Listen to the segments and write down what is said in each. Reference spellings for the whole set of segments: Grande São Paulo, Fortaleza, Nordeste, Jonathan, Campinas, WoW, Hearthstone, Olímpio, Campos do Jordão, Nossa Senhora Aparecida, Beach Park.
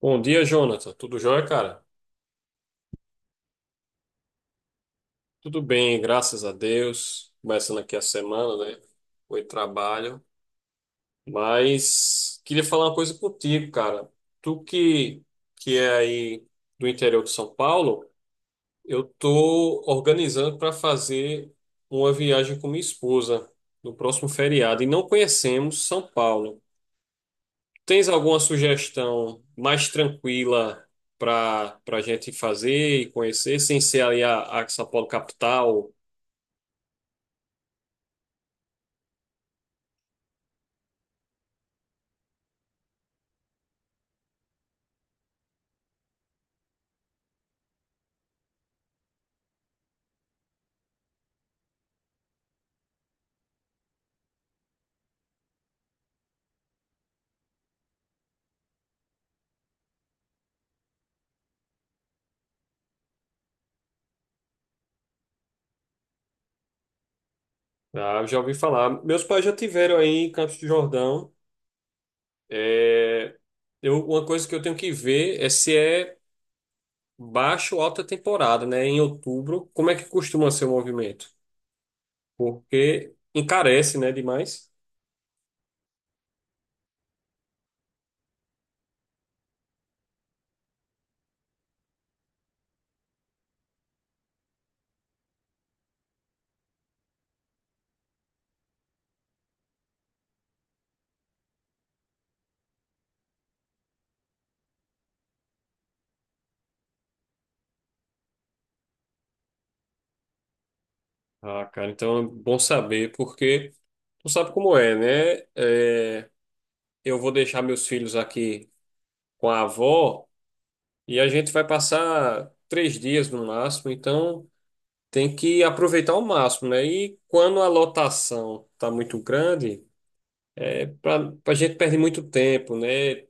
Bom dia, Jonathan. Tudo jóia, cara? Tudo bem, graças a Deus. Começando aqui a semana, né? Foi trabalho. Mas queria falar uma coisa contigo, cara. Tu que, que é aí do interior de São Paulo, eu tô organizando para fazer uma viagem com minha esposa no próximo feriado e não conhecemos São Paulo. Tens alguma sugestão mais tranquila para para gente fazer e conhecer, sem ser ali a São Paulo capital? Ah, eu já ouvi falar. Meus pais já tiveram aí em Campos do Jordão. É, eu, uma coisa que eu tenho que ver é se é baixa ou alta temporada, né? Em outubro, como é que costuma ser o movimento? Porque encarece, né, demais. Ah, cara, então é bom saber, porque tu sabe como é, né? É, eu vou deixar meus filhos aqui com a avó e a gente vai passar 3 dias no máximo, então tem que aproveitar ao máximo, né? E quando a lotação tá muito grande, para a gente perde muito tempo, né?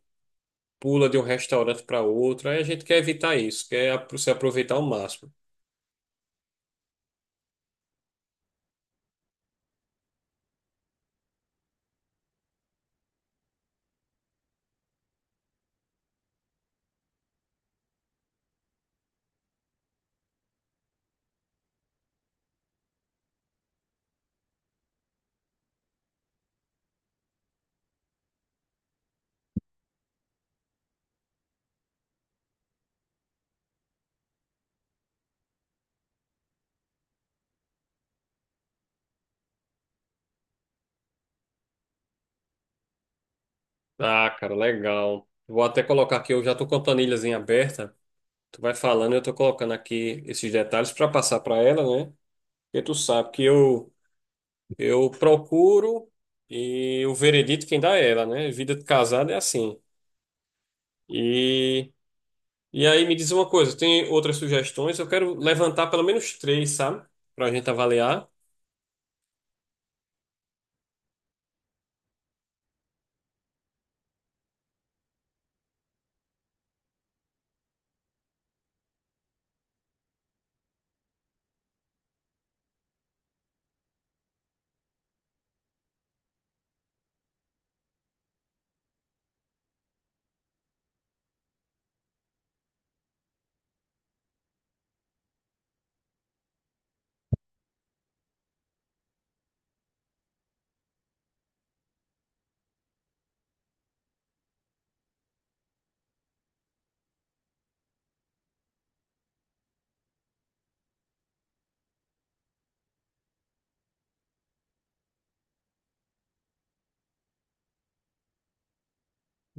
Pula de um restaurante para outro, aí a gente quer evitar isso, se aproveitar ao máximo. Ah, cara, legal. Vou até colocar aqui, eu já tô com a planilhazinha aberta. Tu vai falando, eu tô colocando aqui esses detalhes para passar para ela, né? Porque tu sabe que eu procuro e o veredito quem dá é ela, né? Vida de casado é assim. E, e aí me diz uma coisa, tem outras sugestões? Eu quero levantar pelo menos três, sabe? Pra gente avaliar.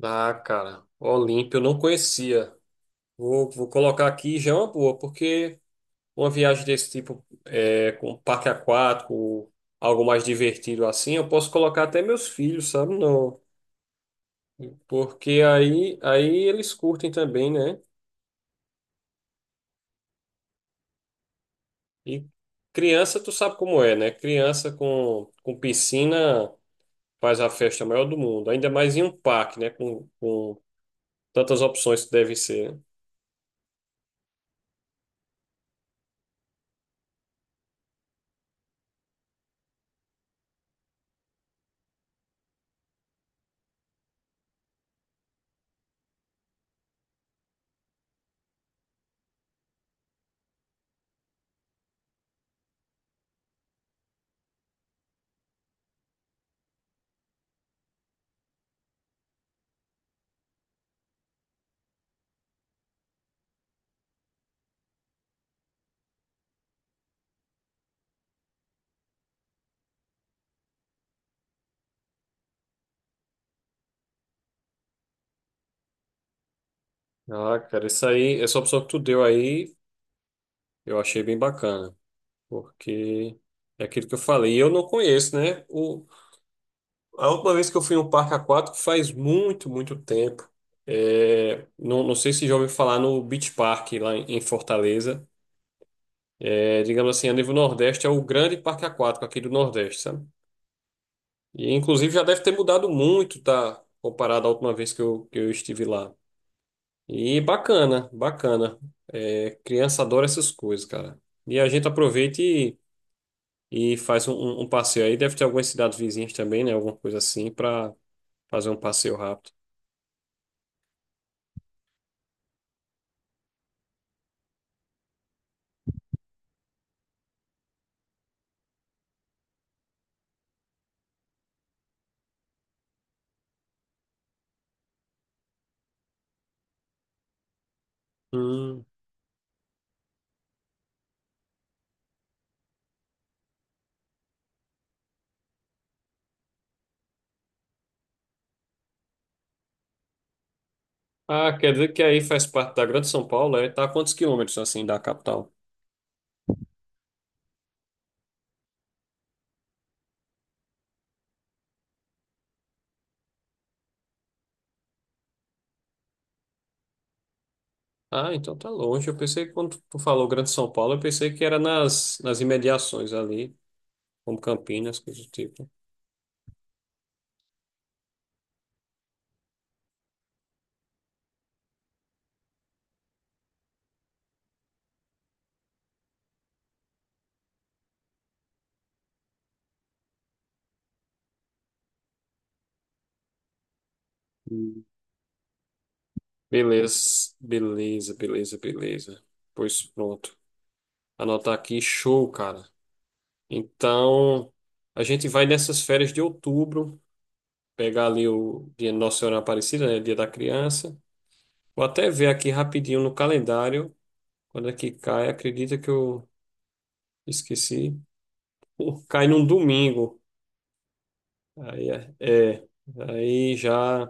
Ah, cara, Olímpio eu não conhecia. Vou colocar aqui, já é uma boa, porque uma viagem desse tipo é, com parque aquático, algo mais divertido assim, eu posso colocar até meus filhos, sabe? Não, porque aí eles curtem também, né? E criança, tu sabe como é, né? Criança com piscina faz a festa maior do mundo. Ainda mais em um parque, né? Com tantas opções que deve ser. Né? Ah, cara, isso aí, essa opção que tu deu aí, eu achei bem bacana. Porque é aquilo que eu falei. E eu não conheço, né? O, a última vez que eu fui em um parque aquático faz muito, muito tempo. É, não, não sei se já ouviu falar no Beach Park lá em Fortaleza. É, digamos assim, a nível Nordeste é o grande parque aquático aqui do Nordeste, sabe? E inclusive já deve ter mudado muito, tá? Comparado à última vez que eu estive lá. E bacana, bacana. É, criança adora essas coisas, cara. E a gente aproveita e faz um passeio aí. Deve ter algumas cidades vizinhas também, né? Alguma coisa assim, para fazer um passeio rápido. Hum. Ah, quer dizer que aí faz parte da Grande São Paulo, é? Tá a quantos quilômetros assim da capital? Ah, então tá longe. Eu pensei que quando tu falou Grande São Paulo, eu pensei que era nas imediações ali, como Campinas, coisa do tipo. Beleza, beleza, beleza, beleza. Pois pronto. Anotar aqui, show, cara. Então, a gente vai nessas férias de outubro, pegar ali o dia Nossa Senhora Aparecida, né? Dia da criança. Vou até ver aqui rapidinho no calendário, quando é que cai, acredita que eu esqueci. Pô, cai num domingo. Aí é, é. Aí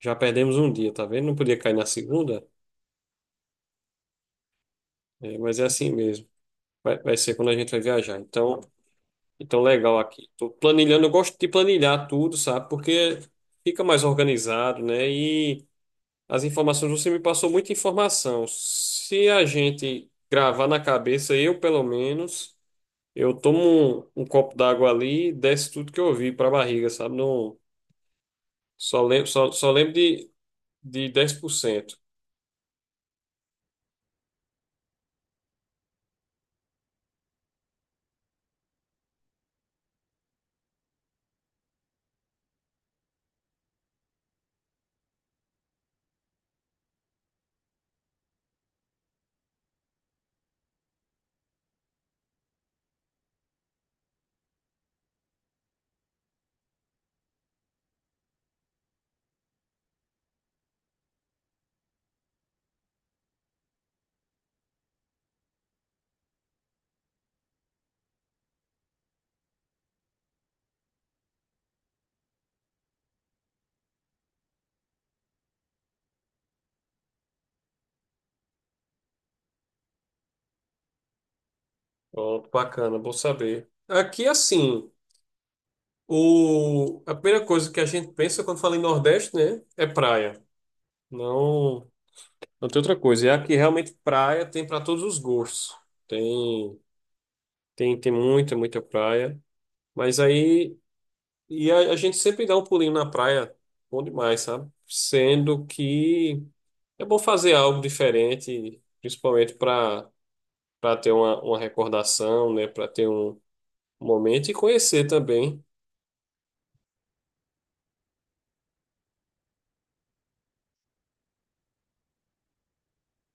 já perdemos um dia, tá vendo? Não podia cair na segunda, é, mas é assim mesmo. Vai ser quando a gente vai viajar. Então, legal aqui. Tô planilhando, eu gosto de planilhar tudo, sabe? Porque fica mais organizado, né? E as informações, você me passou muita informação. Se a gente gravar na cabeça, eu pelo menos, eu tomo um copo d'água ali e desce tudo que eu vi para a barriga, sabe? Não, só lembro de 10%. Pronto, bacana, bom saber. Aqui, assim, o, a primeira coisa que a gente pensa quando fala em Nordeste, né? É praia. Não. Não tem outra coisa. E aqui realmente praia tem para todos os gostos. Tem, Tem, muita, muita praia. Mas aí, e a gente sempre dá um pulinho na praia, bom demais, sabe? Sendo que é bom fazer algo diferente, principalmente para ter uma recordação, né? Para ter um momento e conhecer também.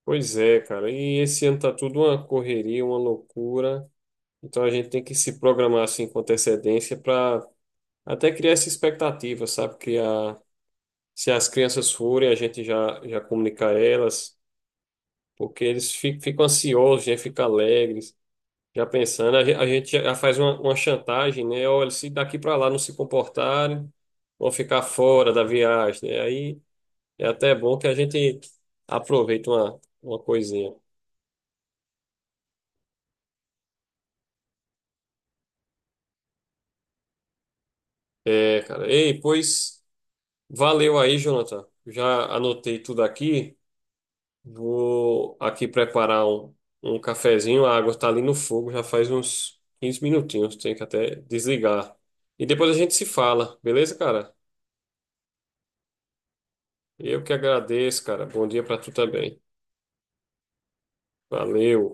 Pois é, cara. E esse ano tá tudo uma correria, uma loucura. Então a gente tem que se programar assim com antecedência para até criar essa expectativa, sabe? Criar, se as crianças forem, a gente já comunicar elas, porque ficam ansiosos, já ficam alegres, já pensando. A gente já faz uma chantagem, né? Olha, se daqui para lá não se comportarem, vão ficar fora da viagem, né? Aí é até bom que a gente aproveita uma coisinha. É, cara. Ei, pois valeu aí, Jonathan. Já anotei tudo aqui. Vou aqui preparar um cafezinho. A água está ali no fogo, já faz uns 15 minutinhos. Tenho que até desligar. E depois a gente se fala, beleza, cara? Eu que agradeço, cara. Bom dia para tu também. Valeu.